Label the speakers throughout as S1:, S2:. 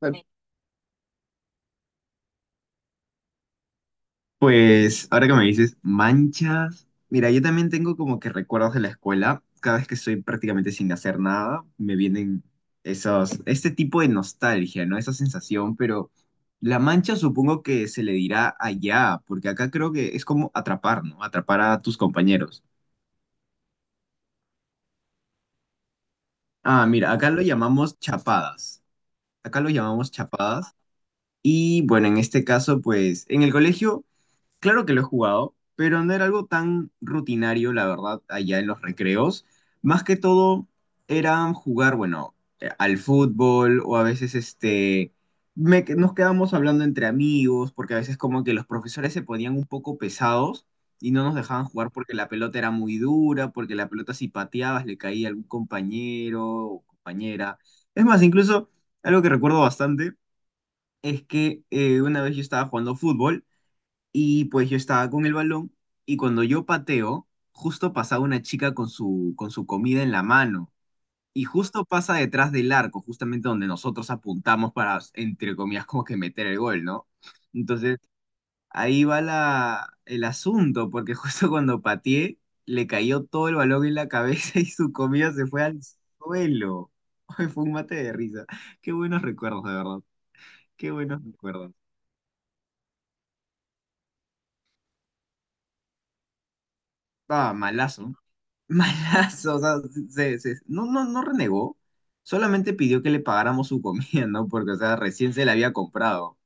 S1: Bueno, pues ahora que me dices manchas, mira, yo también tengo como que recuerdos de la escuela. Cada vez que estoy prácticamente sin hacer nada, me vienen esos, este tipo de nostalgia, ¿no? Esa sensación, pero la mancha supongo que se le dirá allá, porque acá creo que es como atrapar, ¿no? Atrapar a tus compañeros. Ah, mira, acá lo llamamos chapadas. Acá lo llamamos chapadas. Y bueno, en este caso, pues en el colegio... Claro que lo he jugado, pero no era algo tan rutinario, la verdad, allá en los recreos. Más que todo era jugar, bueno, al fútbol o a veces este, nos quedábamos hablando entre amigos, porque a veces como que los profesores se ponían un poco pesados y no nos dejaban jugar porque la pelota era muy dura, porque la pelota si pateabas le caía a algún compañero o compañera. Es más, incluso algo que recuerdo bastante es que una vez yo estaba jugando fútbol. Y pues yo estaba con el balón y cuando yo pateo, justo pasaba una chica con su comida en la mano. Y justo pasa detrás del arco, justamente donde nosotros apuntamos para, entre comillas, como que meter el gol, ¿no? Entonces, ahí va la, el asunto, porque justo cuando pateé, le cayó todo el balón en la cabeza y su comida se fue al suelo. Fue un mate de risa. Qué buenos recuerdos, de verdad. Qué buenos recuerdos. Estaba malazo. Malazo, o sea, se, no, no, no renegó, solamente pidió que le pagáramos su comida, ¿no? Porque, o sea, recién se la había comprado.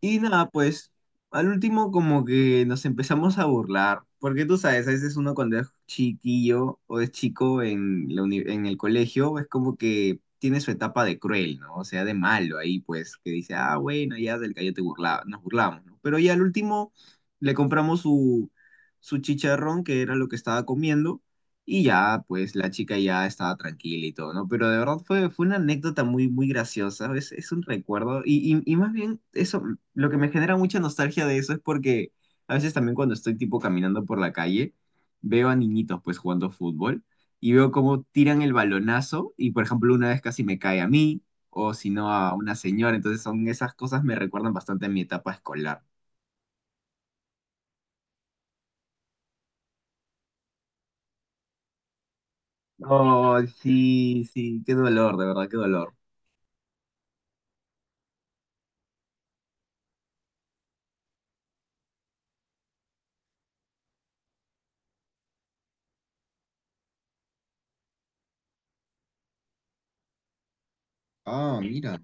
S1: Y nada, pues al último como que nos empezamos a burlar, porque tú sabes, a veces uno cuando es chiquillo o es chico en, en el colegio es como que tiene su etapa de cruel, ¿no? O sea, de malo ahí, pues, que dice, ah, bueno, ya del gallo te burlaba, nos burlamos, ¿no? Pero ya al último le compramos su, su chicharrón, que era lo que estaba comiendo. Y ya, pues la chica ya estaba tranquila y todo, ¿no? Pero de verdad fue, fue una anécdota muy, muy graciosa, es un recuerdo. Y más bien, eso, lo que me genera mucha nostalgia de eso es porque a veces también cuando estoy tipo caminando por la calle, veo a niñitos pues jugando fútbol y veo cómo tiran el balonazo y por ejemplo una vez casi me cae a mí o si no a una señora, entonces son esas cosas me recuerdan bastante a mi etapa escolar. Oh, sí, sí, qué dolor, de verdad, qué dolor. Ah, mira.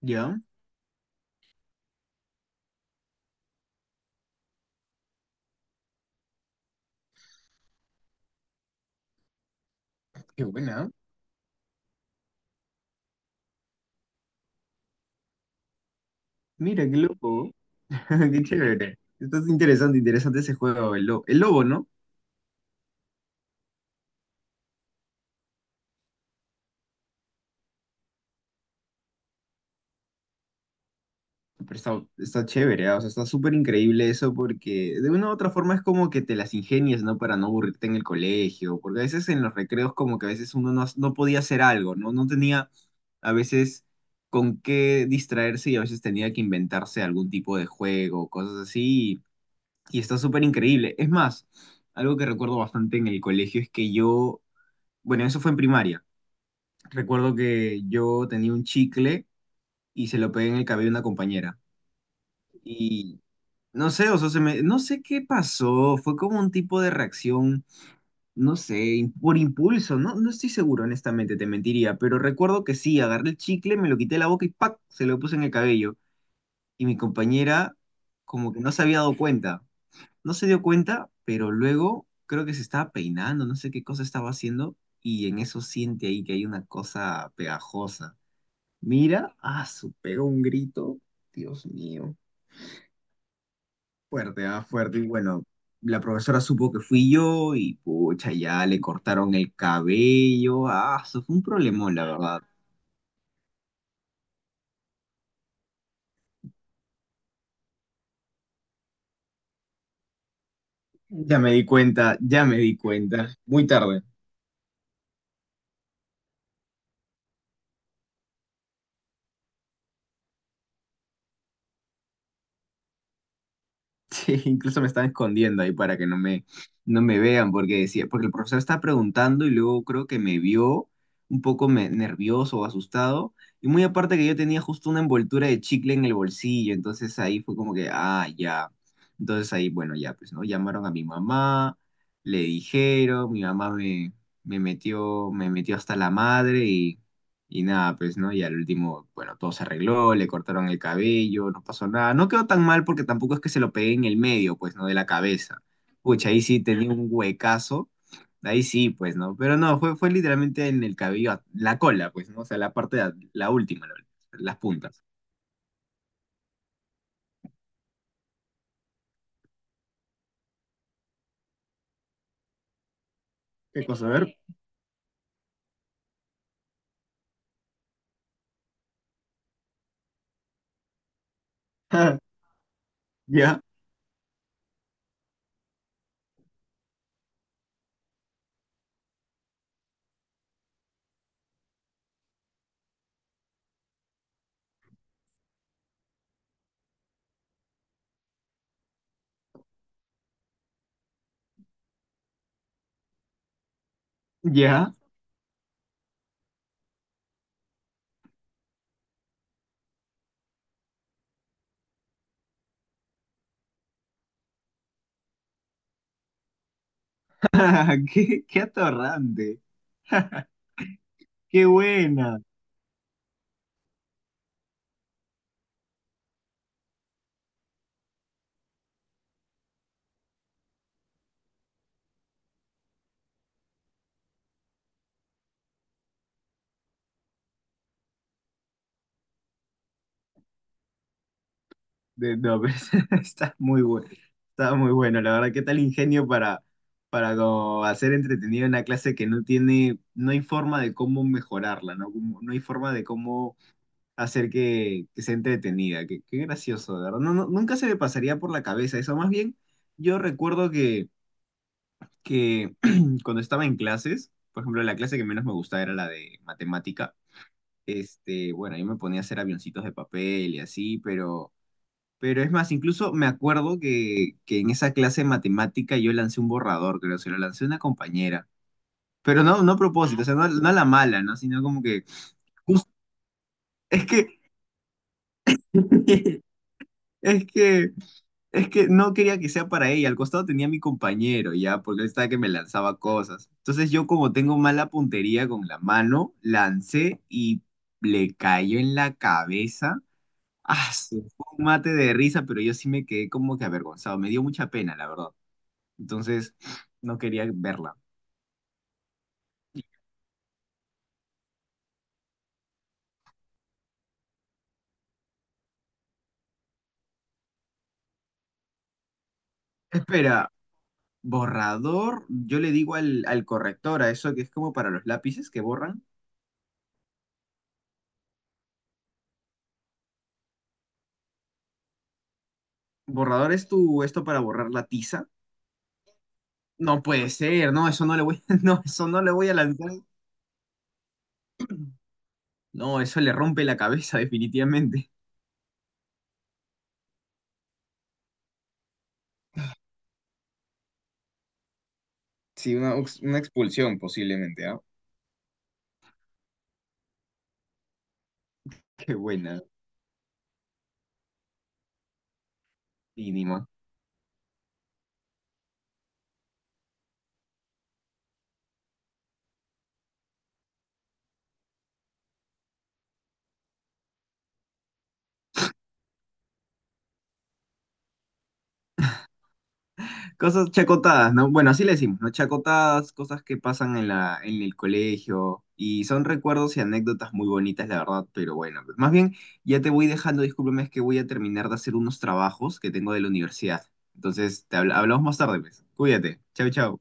S1: ¿Ya? Qué buena. Mira, qué loco. Qué chévere. Está interesante, interesante ese juego, el lobo. El lobo, ¿no? Pero está, está chévere, ¿ah? O sea, está súper increíble eso porque de una u otra forma es como que te las ingenias, ¿no? Para no aburrirte en el colegio, porque a veces en los recreos como que a veces uno no, no podía hacer algo, ¿no? No tenía a veces con qué distraerse y a veces tenía que inventarse algún tipo de juego, cosas así, y está súper increíble. Es más, algo que recuerdo bastante en el colegio es que yo, bueno, eso fue en primaria. Recuerdo que yo tenía un chicle y se lo pegué en el cabello a una compañera. Y no sé, o sea, se me, no sé qué pasó. Fue como un tipo de reacción, no sé, por impulso. No, no estoy seguro, honestamente, te mentiría. Pero recuerdo que sí, agarré el chicle, me lo quité de la boca y ¡pac! Se lo puse en el cabello. Y mi compañera como que no se había dado cuenta. No se dio cuenta, pero luego creo que se estaba peinando, no sé qué cosa estaba haciendo. Y en eso siente ahí que hay una cosa pegajosa. Mira, ah, su pega un grito, Dios mío, fuerte, ah, fuerte. Y bueno, la profesora supo que fui yo y pucha, ya le cortaron el cabello, ah, eso fue un problemón, la verdad. Ya me di cuenta, ya me di cuenta, muy tarde. Sí, incluso me estaba escondiendo ahí para que no me, no me vean, porque decía, porque el profesor estaba preguntando y luego creo que me vio un poco nervioso o asustado. Y muy aparte que yo tenía justo una envoltura de chicle en el bolsillo, entonces ahí fue como que, ah, ya. Entonces ahí, bueno, ya, pues, ¿no? Llamaron a mi mamá, le dijeron, mi mamá me, me metió hasta la madre y nada, pues, ¿no? Y al último, bueno, todo se arregló, le cortaron el cabello, no pasó nada. No quedó tan mal porque tampoco es que se lo pegué en el medio, pues, ¿no? De la cabeza. Pucha, ahí sí tenía un huecazo. Ahí sí, pues, ¿no? Pero no, fue, fue literalmente en el cabello, la cola, pues, ¿no? O sea, la parte, la última, las puntas. ¿Qué cosa? A ver. Ya, ya. Qué, qué atorrante. Qué buena. No, pero está muy bueno, está muy bueno, la verdad, qué tal ingenio para como hacer entretenido una clase que no tiene, no hay forma de cómo mejorarla, ¿no? No hay forma de cómo hacer que sea entretenida, qué, qué gracioso, de verdad, no, nunca se me pasaría por la cabeza eso, más bien, yo recuerdo que cuando estaba en clases, por ejemplo, la clase que menos me gustaba era la de matemática, este, bueno, yo me ponía a hacer avioncitos de papel y así, pero... Pero es más, incluso me acuerdo que en esa clase de matemática yo lancé un borrador, creo, se lo lancé a una compañera. Pero no, no a propósito, o sea, no, no a la mala, ¿no? Sino como que... jus- es que, es que, es que no quería que sea para ella. Al costado tenía a mi compañero, ya, porque él estaba que me lanzaba cosas. Entonces yo como tengo mala puntería con la mano, lancé y le cayó en la cabeza. Ah, fue un mate de risa, pero yo sí me quedé como que avergonzado. Me dio mucha pena, la verdad. Entonces, no quería verla. Espera, borrador, yo le digo al, al corrector, a eso que es como para los lápices que borran. Borrador es tu, esto para borrar la tiza. No puede ser, no, eso no le voy, no, eso no le voy a lanzar. No, eso le rompe la cabeza definitivamente. Sí, una, una expulsión posiblemente, ¿ah? Qué buena. Mínimo cosas chacotadas, ¿no? Bueno, así le decimos, ¿no? Chacotadas, cosas que pasan en la, en el colegio y son recuerdos y anécdotas muy bonitas, la verdad, pero bueno, pues, más bien ya te voy dejando, discúlpame, es que voy a terminar de hacer unos trabajos que tengo de la universidad. Entonces, hablamos más tarde, pues. Cuídate. Chau, chau.